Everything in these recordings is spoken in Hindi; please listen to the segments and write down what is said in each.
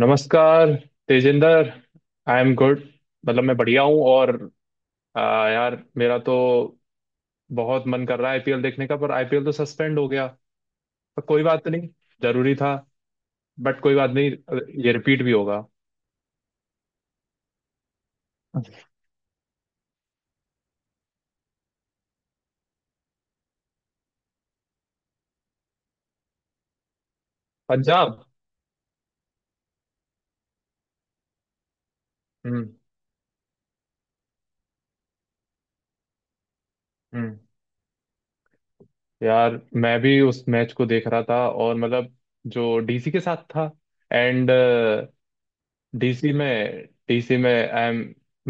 नमस्कार, तेजिंदर। I am good. मतलब मैं बढ़िया हूँ। और यार, मेरा तो बहुत मन कर रहा है IPL देखने का, पर IPL तो सस्पेंड हो गया। पर कोई बात नहीं, जरूरी था। बट कोई बात नहीं, ये रिपीट भी होगा। पंजाब। हम्म। हम्म। यार, मैं भी उस मैच को देख रहा था। और मतलब जो DC के साथ था। एंड डीसी में आई एम,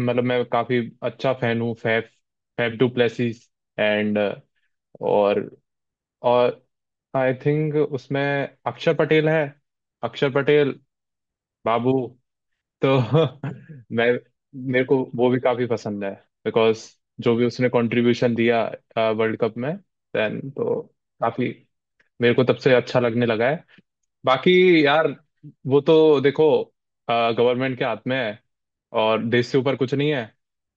मतलब मैं काफी अच्छा फैन हूँ फैफ, फैफ डुप्लेसिस। एंड, और और आई थिंक उसमें अक्षर पटेल है। अक्षर पटेल बाबू। तो मैं, मेरे को वो भी काफी पसंद है, बिकॉज जो भी उसने कंट्रीब्यूशन दिया वर्ल्ड कप में देन। तो काफी, मेरे को तब से अच्छा लगने लगा है। बाकी यार, वो तो देखो गवर्नमेंट के हाथ में है, और देश से ऊपर कुछ नहीं है।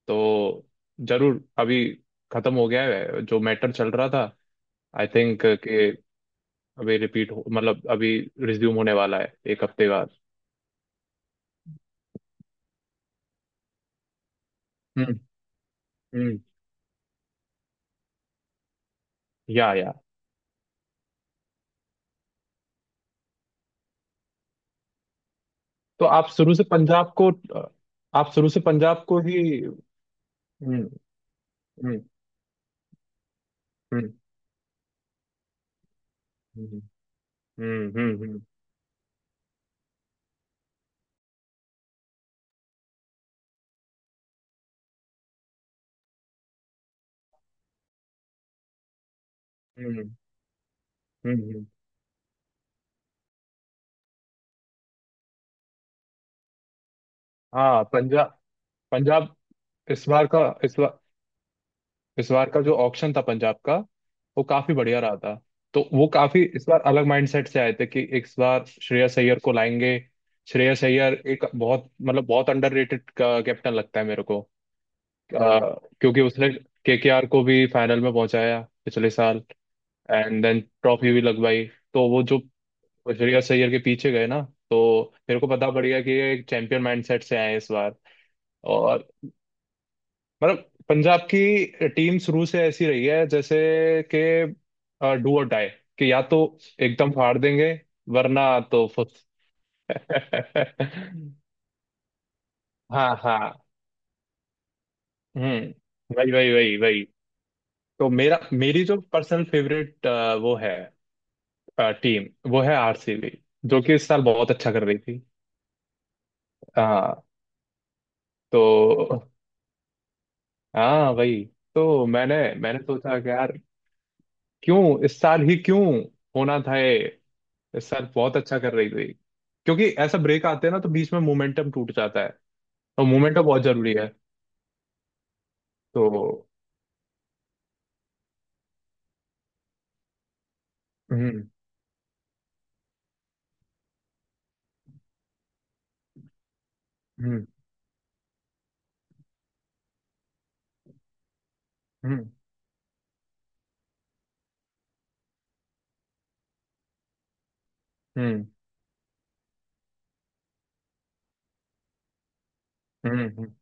तो जरूर, अभी खत्म हो गया है जो मैटर चल रहा था। आई थिंक कि अभी रिपीट हो, मतलब अभी रिज्यूम होने वाला है एक हफ्ते बाद। हम्म। हम्म। या, या। तो आप शुरू से पंजाब को। आप शुरू से पंजाब को ही। हम्म। हम्म। हम्म। हम्म। हम्म। हम्म। हम्म। हम्म। हाँ, पंजाब। पंजाब इस बार का इस बार इस बार का जो ऑप्शन था पंजाब का, वो काफी बढ़िया रहा था। तो वो काफी इस बार अलग माइंडसेट से आए थे कि इस बार श्रेयस अय्यर को लाएंगे। श्रेयस अय्यर एक बहुत, मतलब बहुत अंडररेटेड कैप्टन लगता है मेरे को। अ, क्योंकि उसने KKR को भी फाइनल में पहुंचाया पिछले साल। एंड देन ट्रॉफी भी लगवाई। तो वो जो श्रेयस अय्यर के पीछे गए ना, तो मेरे को पता पड़ गया कि ये एक चैंपियन माइंडसेट से आए हैं इस बार। और मतलब पंजाब की टीम शुरू से ऐसी रही है जैसे कि डू और डाई। कि या तो एकदम फाड़ देंगे, वरना तो फुस। हाँ, हाँ। हम्म, वही, वही, वही, वही। तो मेरा मेरी जो पर्सनल फेवरेट, वो है टीम, वो है RCB, जो कि इस साल बहुत अच्छा कर रही थी। हाँ। तो हाँ, वही। तो मैंने मैंने सोचा कि यार क्यों इस साल ही क्यों होना था ये। इस साल बहुत अच्छा कर रही थी। क्योंकि ऐसा ब्रेक आते हैं ना, तो बीच में मोमेंटम टूट जाता है। और मोमेंटम बहुत जरूरी है। तो। हम्म। हम्म। हम्म। हम्म। हम्म। हम्म।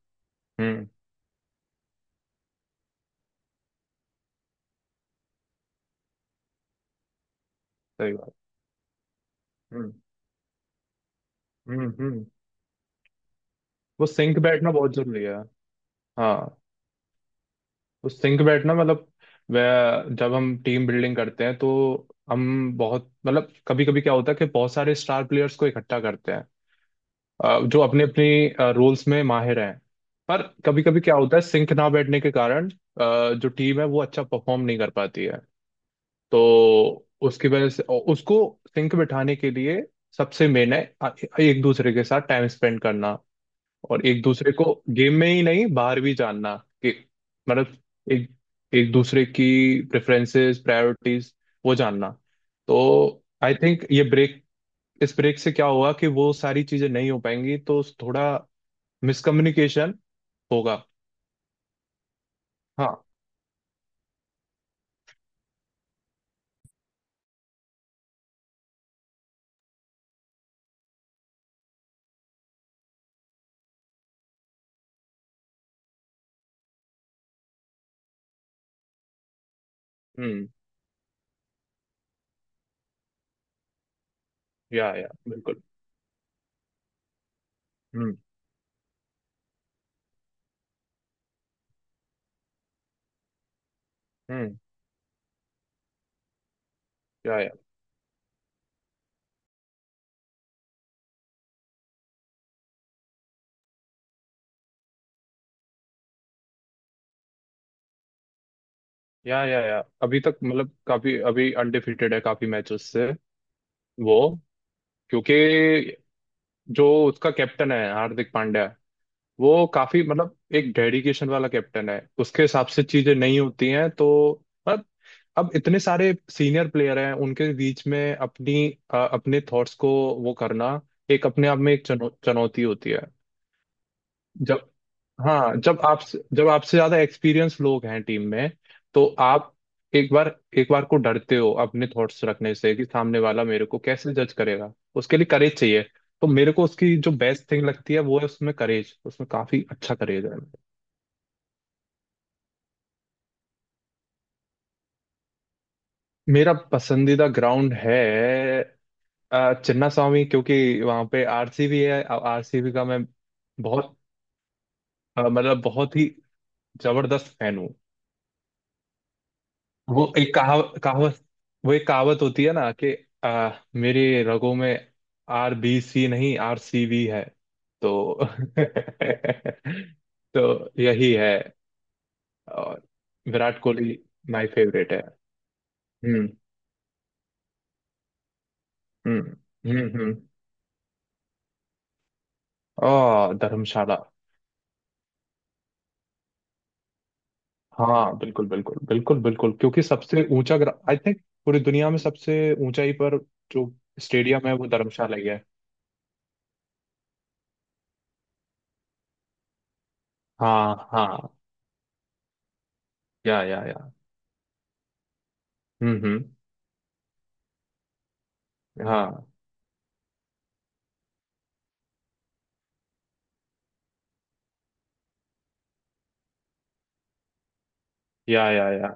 हम्म, सही बात। हम्म। हम्म। हम्म। वो सिंक बैठना बहुत जरूरी है। हाँ। उस सिंक बेड ना, मतलब वह जब हम टीम बिल्डिंग करते हैं, तो हम बहुत, मतलब कभी कभी क्या होता है कि बहुत सारे स्टार प्लेयर्स को इकट्ठा करते हैं। जो अपने, अपनी रोल्स में माहिर हैं। पर कभी कभी क्या होता है, सिंक ना बैठने के कारण जो टीम है वो अच्छा परफॉर्म नहीं कर पाती है। तो उसकी वजह से। और उसको सिंक बिठाने के लिए सबसे मेन है एक दूसरे के साथ टाइम स्पेंड करना। और एक दूसरे को गेम में ही नहीं बाहर भी जानना कि, मतलब एक, एक दूसरे की प्रेफरेंसेस, प्रायोरिटीज, वो जानना। तो आई थिंक ये ब्रेक, इस ब्रेक से क्या होगा कि वो सारी चीजें नहीं हो पाएंगी, तो थोड़ा मिसकम्युनिकेशन होगा। हाँ। हम्म। या, बिल्कुल। हम्म। हम्म। या या या, अभी तक मतलब काफी, अभी अनडिफिटेड है काफी मैचेस से वो। क्योंकि जो उसका कैप्टन है हार्दिक पांड्या, वो काफी, मतलब एक डेडिकेशन वाला कैप्टन है। उसके हिसाब से चीजें नहीं होती हैं, तो मतलब अब इतने सारे सीनियर प्लेयर हैं उनके बीच में अपनी, अपने थॉट्स को वो करना, एक अपने आप में एक चुनौती होती है। जब, हाँ, जब आप, जब आपसे ज्यादा एक्सपीरियंस लोग हैं टीम में, तो आप एक बार, एक बार को डरते हो अपने थॉट्स रखने से कि सामने वाला मेरे को कैसे जज करेगा। उसके लिए करेज चाहिए। तो मेरे को उसकी जो बेस्ट थिंग लगती है वो है उसमें करेज, उसमें काफी अच्छा करेज है। मेरा पसंदीदा ग्राउंड है चिन्ना स्वामी, क्योंकि वहां पे RCB है। आरसीबी का मैं बहुत, मतलब बहुत ही जबरदस्त फैन हूँ। वो एक कहावत, वो एक कहावत होती है ना कि आ, मेरे रगों में RBC नहीं, RCB है। तो तो यही है। और विराट कोहली माय फेवरेट है। हम्म। हम्म। हम्म। हम्म। ओ, धर्मशाला। हाँ, बिल्कुल, बिल्कुल, बिल्कुल, बिल्कुल, क्योंकि सबसे ऊंचा आई थिंक पूरी दुनिया में सबसे ऊंचाई पर जो स्टेडियम है वो धर्मशाला ही है। हाँ। हाँ। या, या, या। हम्म। हम्म। हाँ। या, या, या।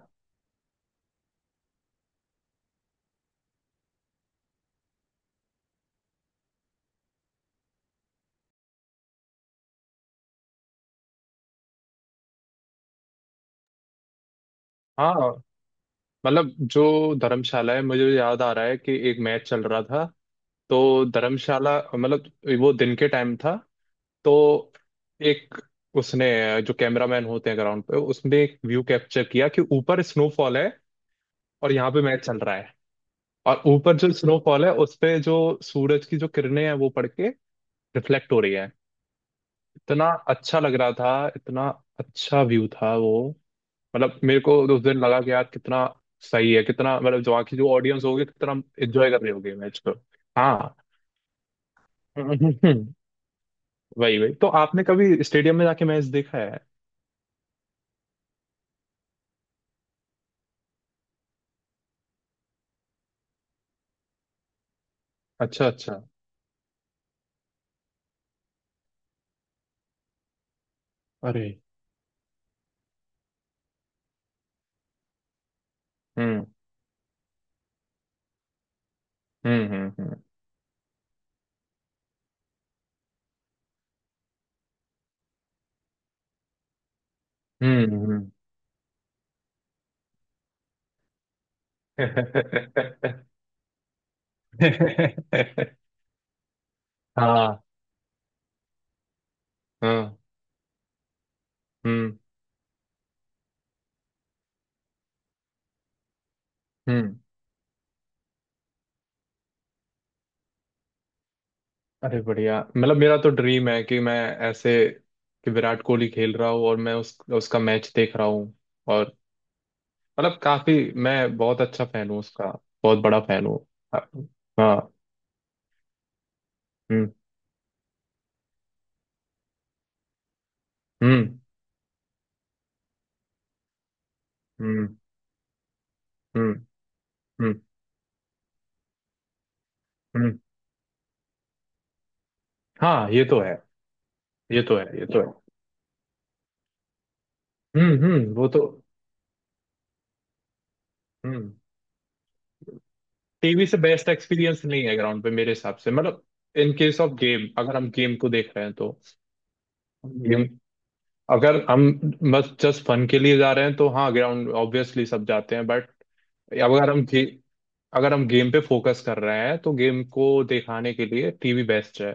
हाँ, मतलब जो धर्मशाला है, मुझे याद आ रहा है कि एक मैच चल रहा था। तो धर्मशाला, मतलब वो दिन के टाइम था। तो एक, उसने, जो कैमरामैन होते हैं ग्राउंड पे, उसने एक व्यू कैप्चर किया कि ऊपर स्नोफॉल है और यहाँ पे मैच चल रहा है। और ऊपर जो स्नोफॉल है उस पे जो सूरज की जो किरणें हैं वो पड़ के रिफ्लेक्ट हो रही है। इतना अच्छा लग रहा था, इतना अच्छा व्यू था वो। मतलब मेरे को उस दिन लगा कि यार कितना सही है, कितना मतलब जो आखिर जो ऑडियंस होगी कितना एंजॉय कर रही होगी मैच को। हाँ। वही, वही। तो आपने कभी स्टेडियम में जाके मैच देखा है? अच्छा, अच्छा। अरे। हम्म। हम्म। हम्म। हम्म। हम्म। हाँ, हाँ। हम्म। हम्म। अरे बढ़िया, मतलब मेरा तो ड्रीम है कि मैं ऐसे कि विराट कोहली खेल रहा हूँ और मैं उस उसका मैच देख रहा हूँ। और मतलब काफी, मैं बहुत अच्छा फैन हूँ उसका। बहुत बड़ा फैन हूँ। हाँ। हाँ, हम्म। हम्म। हम्म। हम्म। हम्म। हम्म, हाँ, ये तो है। ये तो है। ये तो है। हम्म। हम्म। वो तो। हम्म। टीवी से बेस्ट एक्सपीरियंस नहीं है ग्राउंड पे मेरे हिसाब से, मतलब इन केस ऑफ गेम, अगर हम गेम को देख रहे हैं तो। अगर हम बस जस्ट फन के लिए जा रहे हैं, तो हाँ ग्राउंड ऑब्वियसली सब जाते हैं। बट अगर हम गे, अगर हम गेम पे फोकस कर रहे हैं, तो गेम को दिखाने के लिए टीवी बेस्ट है।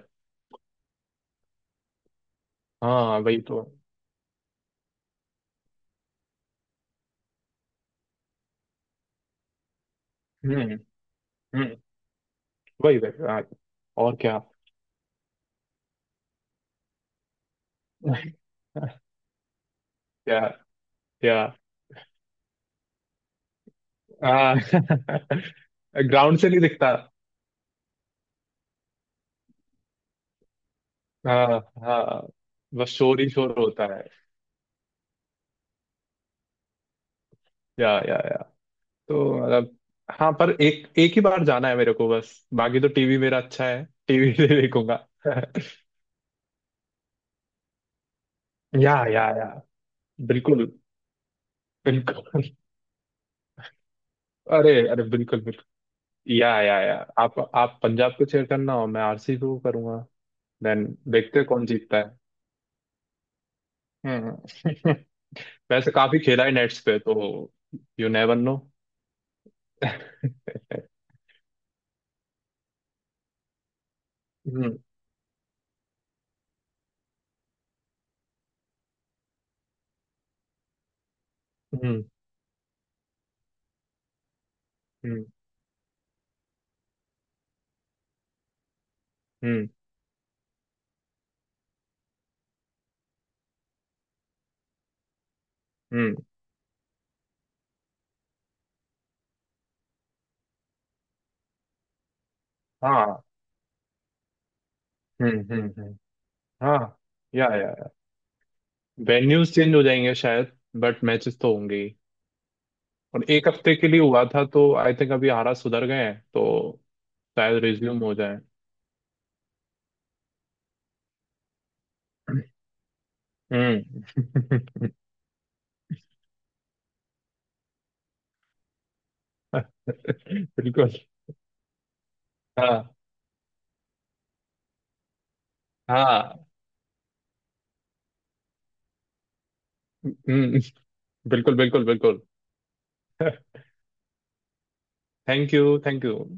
हाँ, वही तो। हम्म। हम्म। वही, वही। हाँ। और क्या। क्या? क्या? हाँ। ग्राउंड से नहीं दिखता। हाँ। हाँ। बस शोर ही शोर होता है। या, या। तो मतलब, हाँ, पर एक, एक ही बार जाना है मेरे को बस, बाकी तो टीवी मेरा अच्छा है, टीवी से देखूंगा। या, या, या। बिल्कुल। बिल्कुल। अरे, अरे, बिल्कुल, बिल्कुल। या, या, या। आप पंजाब को चेयर करना हो, मैं RCB को करूंगा। देन देखते हैं कौन जीतता है। हम्म। वैसे काफी खेला है नेट्स पे तो, यू नेवर नो। हम्म। हम्म। हम्म। हम्म। हम्म, हाँ। हम्म। हम्म। हम्म। हाँ। या, वेन्यूज चेंज हो जाएंगे शायद, बट मैचेस तो होंगे ही। और एक हफ्ते के लिए हुआ था, तो आई थिंक अभी हालात सुधर गए हैं, तो शायद रिज्यूम हो जाए। हम्म। बिल्कुल। हाँ। हाँ। हम्म। बिल्कुल, बिल्कुल, बिल्कुल। Thank you, thank you.